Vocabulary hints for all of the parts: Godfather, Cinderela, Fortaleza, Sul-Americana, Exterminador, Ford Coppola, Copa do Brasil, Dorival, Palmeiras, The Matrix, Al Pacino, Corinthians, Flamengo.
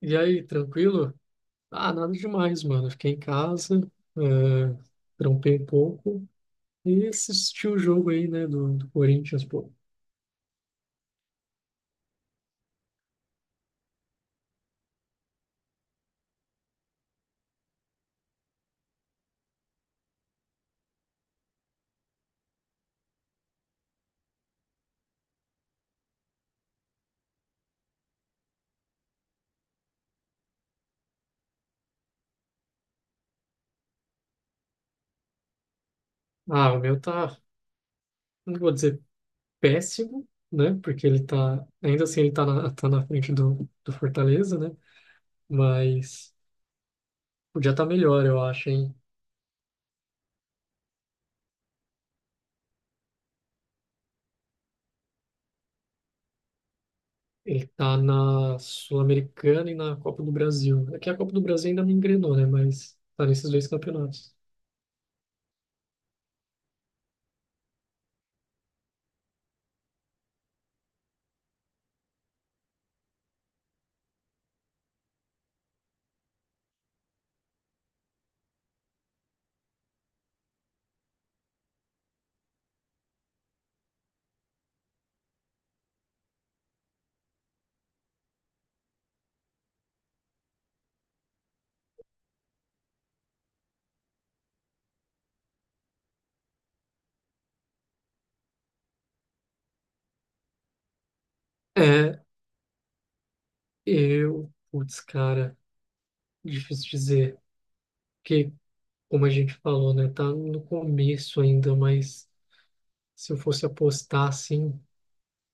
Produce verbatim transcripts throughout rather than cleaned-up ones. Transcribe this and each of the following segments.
E aí, tranquilo? Ah, nada demais, mano. Fiquei em casa, eh, trampei um pouco e assisti o jogo aí, né, do, do Corinthians, pô. Ah, o meu tá, não vou dizer péssimo, né, porque ele tá, ainda assim ele tá na, tá na frente do, do Fortaleza, né, mas podia estar tá melhor, eu acho, hein. Ele tá na Sul-Americana e na Copa do Brasil. Aqui a Copa do Brasil ainda não engrenou, né, mas tá nesses dois campeonatos. É, eu, putz, cara. Difícil dizer, porque, como a gente falou, né, tá no começo ainda, mas se eu fosse apostar assim,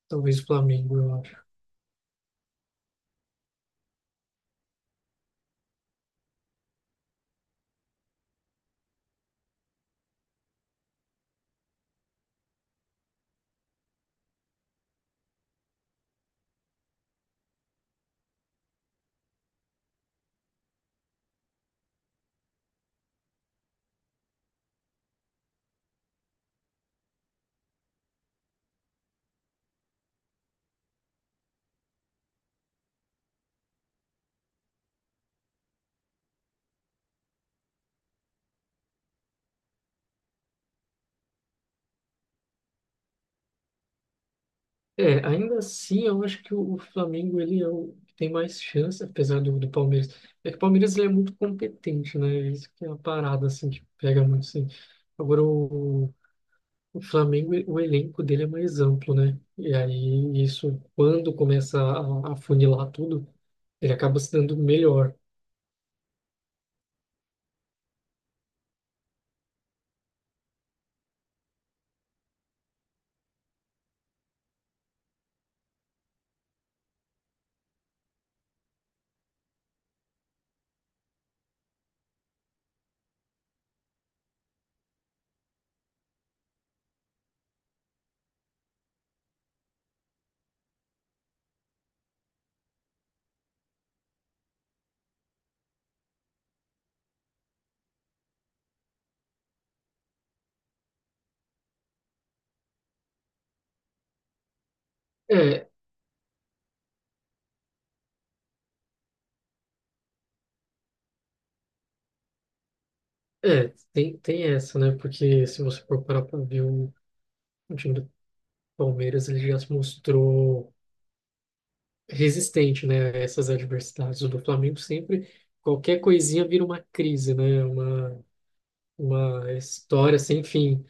talvez o Flamengo, eu acho. É, ainda assim, eu acho que o o Flamengo, ele é o que tem mais chance, apesar do, do Palmeiras. É que o Palmeiras, ele é muito competente, né, é isso que é uma parada, assim, que pega muito, assim. Agora, o, o Flamengo, o elenco dele é mais amplo, né, e aí isso, quando começa a, a funilar tudo, ele acaba se dando melhor. É, é, tem, tem essa, né? Porque se você for parar pra ver o, o time do Palmeiras, ele já se mostrou resistente, né, a essas adversidades. O do Flamengo sempre, qualquer coisinha vira uma crise, né? Uma, uma história sem fim.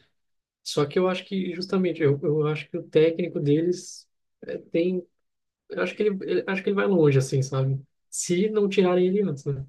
Só que eu acho que, justamente, eu, eu acho que o técnico deles é, tem. Eu acho que ele, ele- acho que ele vai longe, assim, sabe? Se não tirarem ele antes, né?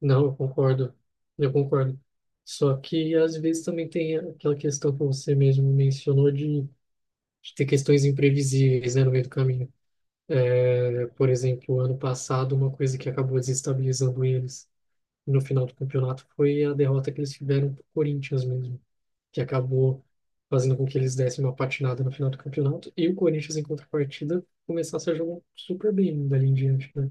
Não, eu concordo. Eu concordo. Só que às vezes também tem aquela questão que você mesmo mencionou de, de ter questões imprevisíveis, né, no meio do caminho. É, por exemplo, ano passado, uma coisa que acabou desestabilizando eles no final do campeonato foi a derrota que eles tiveram para o Corinthians mesmo, que acabou fazendo com que eles dessem uma patinada no final do campeonato e o Corinthians, em contrapartida, começasse a jogar super bem dali em diante, né?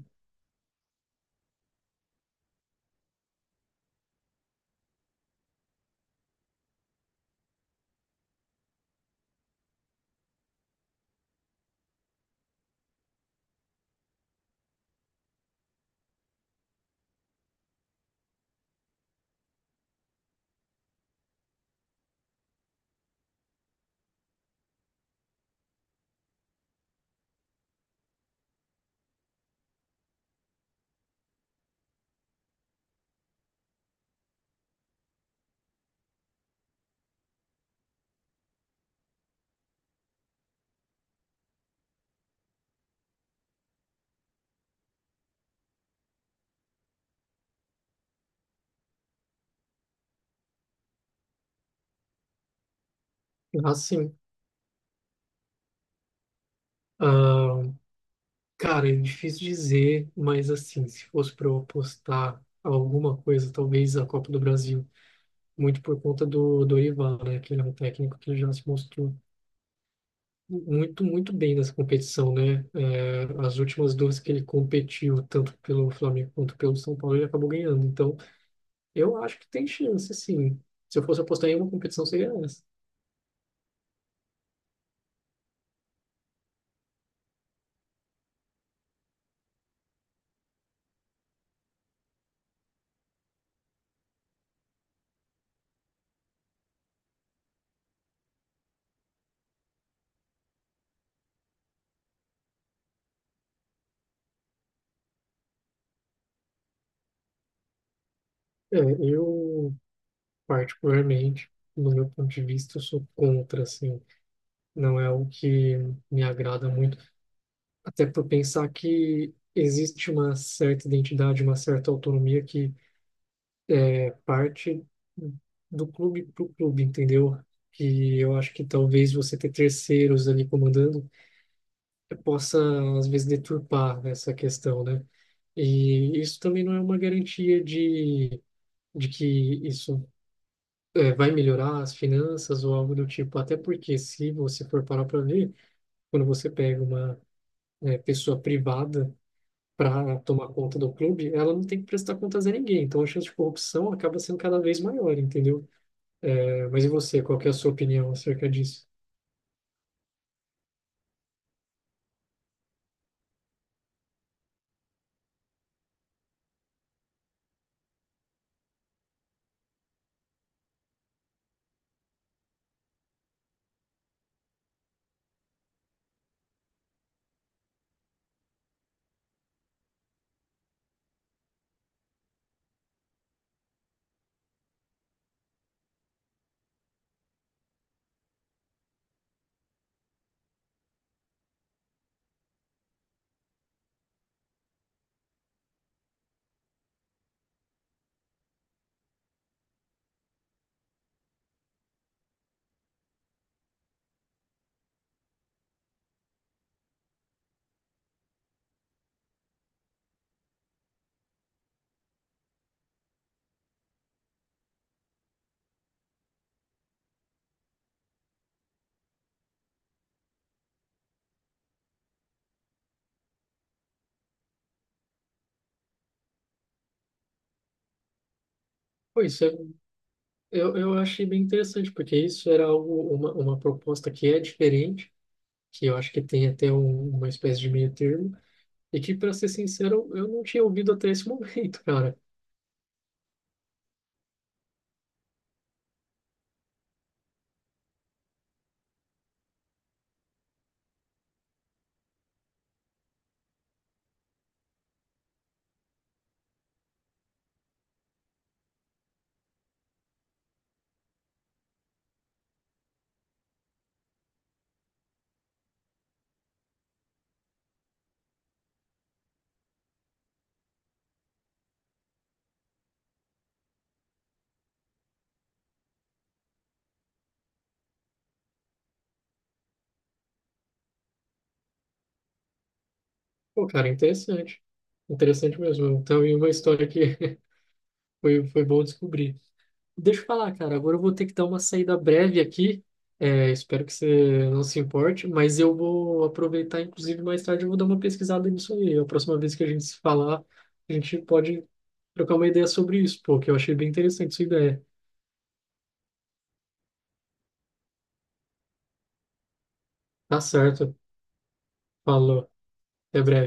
Assim, ah, cara, é difícil dizer, mas assim, se fosse para eu apostar alguma coisa, talvez a Copa do Brasil, muito por conta do Dorival, né? Que ele é um técnico que já se mostrou muito, muito bem nessa competição, né? É, as últimas duas que ele competiu, tanto pelo Flamengo quanto pelo São Paulo, ele acabou ganhando. Então, eu acho que tem chance, sim. Se eu fosse apostar em uma competição, seria essa. É, eu, particularmente, no meu ponto de vista, eu sou contra, assim. Não é o que me agrada muito. Até por pensar que existe uma certa identidade, uma certa autonomia que é parte do clube para o clube, entendeu? Que eu acho que talvez você ter terceiros ali comandando eh, possa, às vezes, deturpar essa questão, né? E isso também não é uma garantia de, de que isso eh, vai melhorar as finanças ou algo do tipo. Até porque, se você for parar para ver, quando você pega uma eh, pessoa privada, para tomar conta do clube, ela não tem que prestar contas a ninguém. Então a chance de corrupção acaba sendo cada vez maior, entendeu? É, mas e você, qual que é a sua opinião acerca disso? Pois é, eu, eu achei bem interessante, porque isso era algo, uma, uma proposta que é diferente, que eu acho que tem até um- uma espécie de meio termo, e que, para ser sincero, eu não tinha ouvido até esse momento, cara. Pô, cara, interessante. Interessante mesmo. Então, e uma história que foi, foi bom descobrir. Deixa eu falar, cara. Agora eu vou ter que dar uma saída breve aqui. É, espero que você não se importe, mas eu vou aproveitar, inclusive, mais tarde eu vou dar uma pesquisada nisso aí. A próxima vez que a gente se falar, a gente pode trocar uma ideia sobre isso, pô, que eu achei bem interessante sua ideia. Tá certo. Falou. Até breve.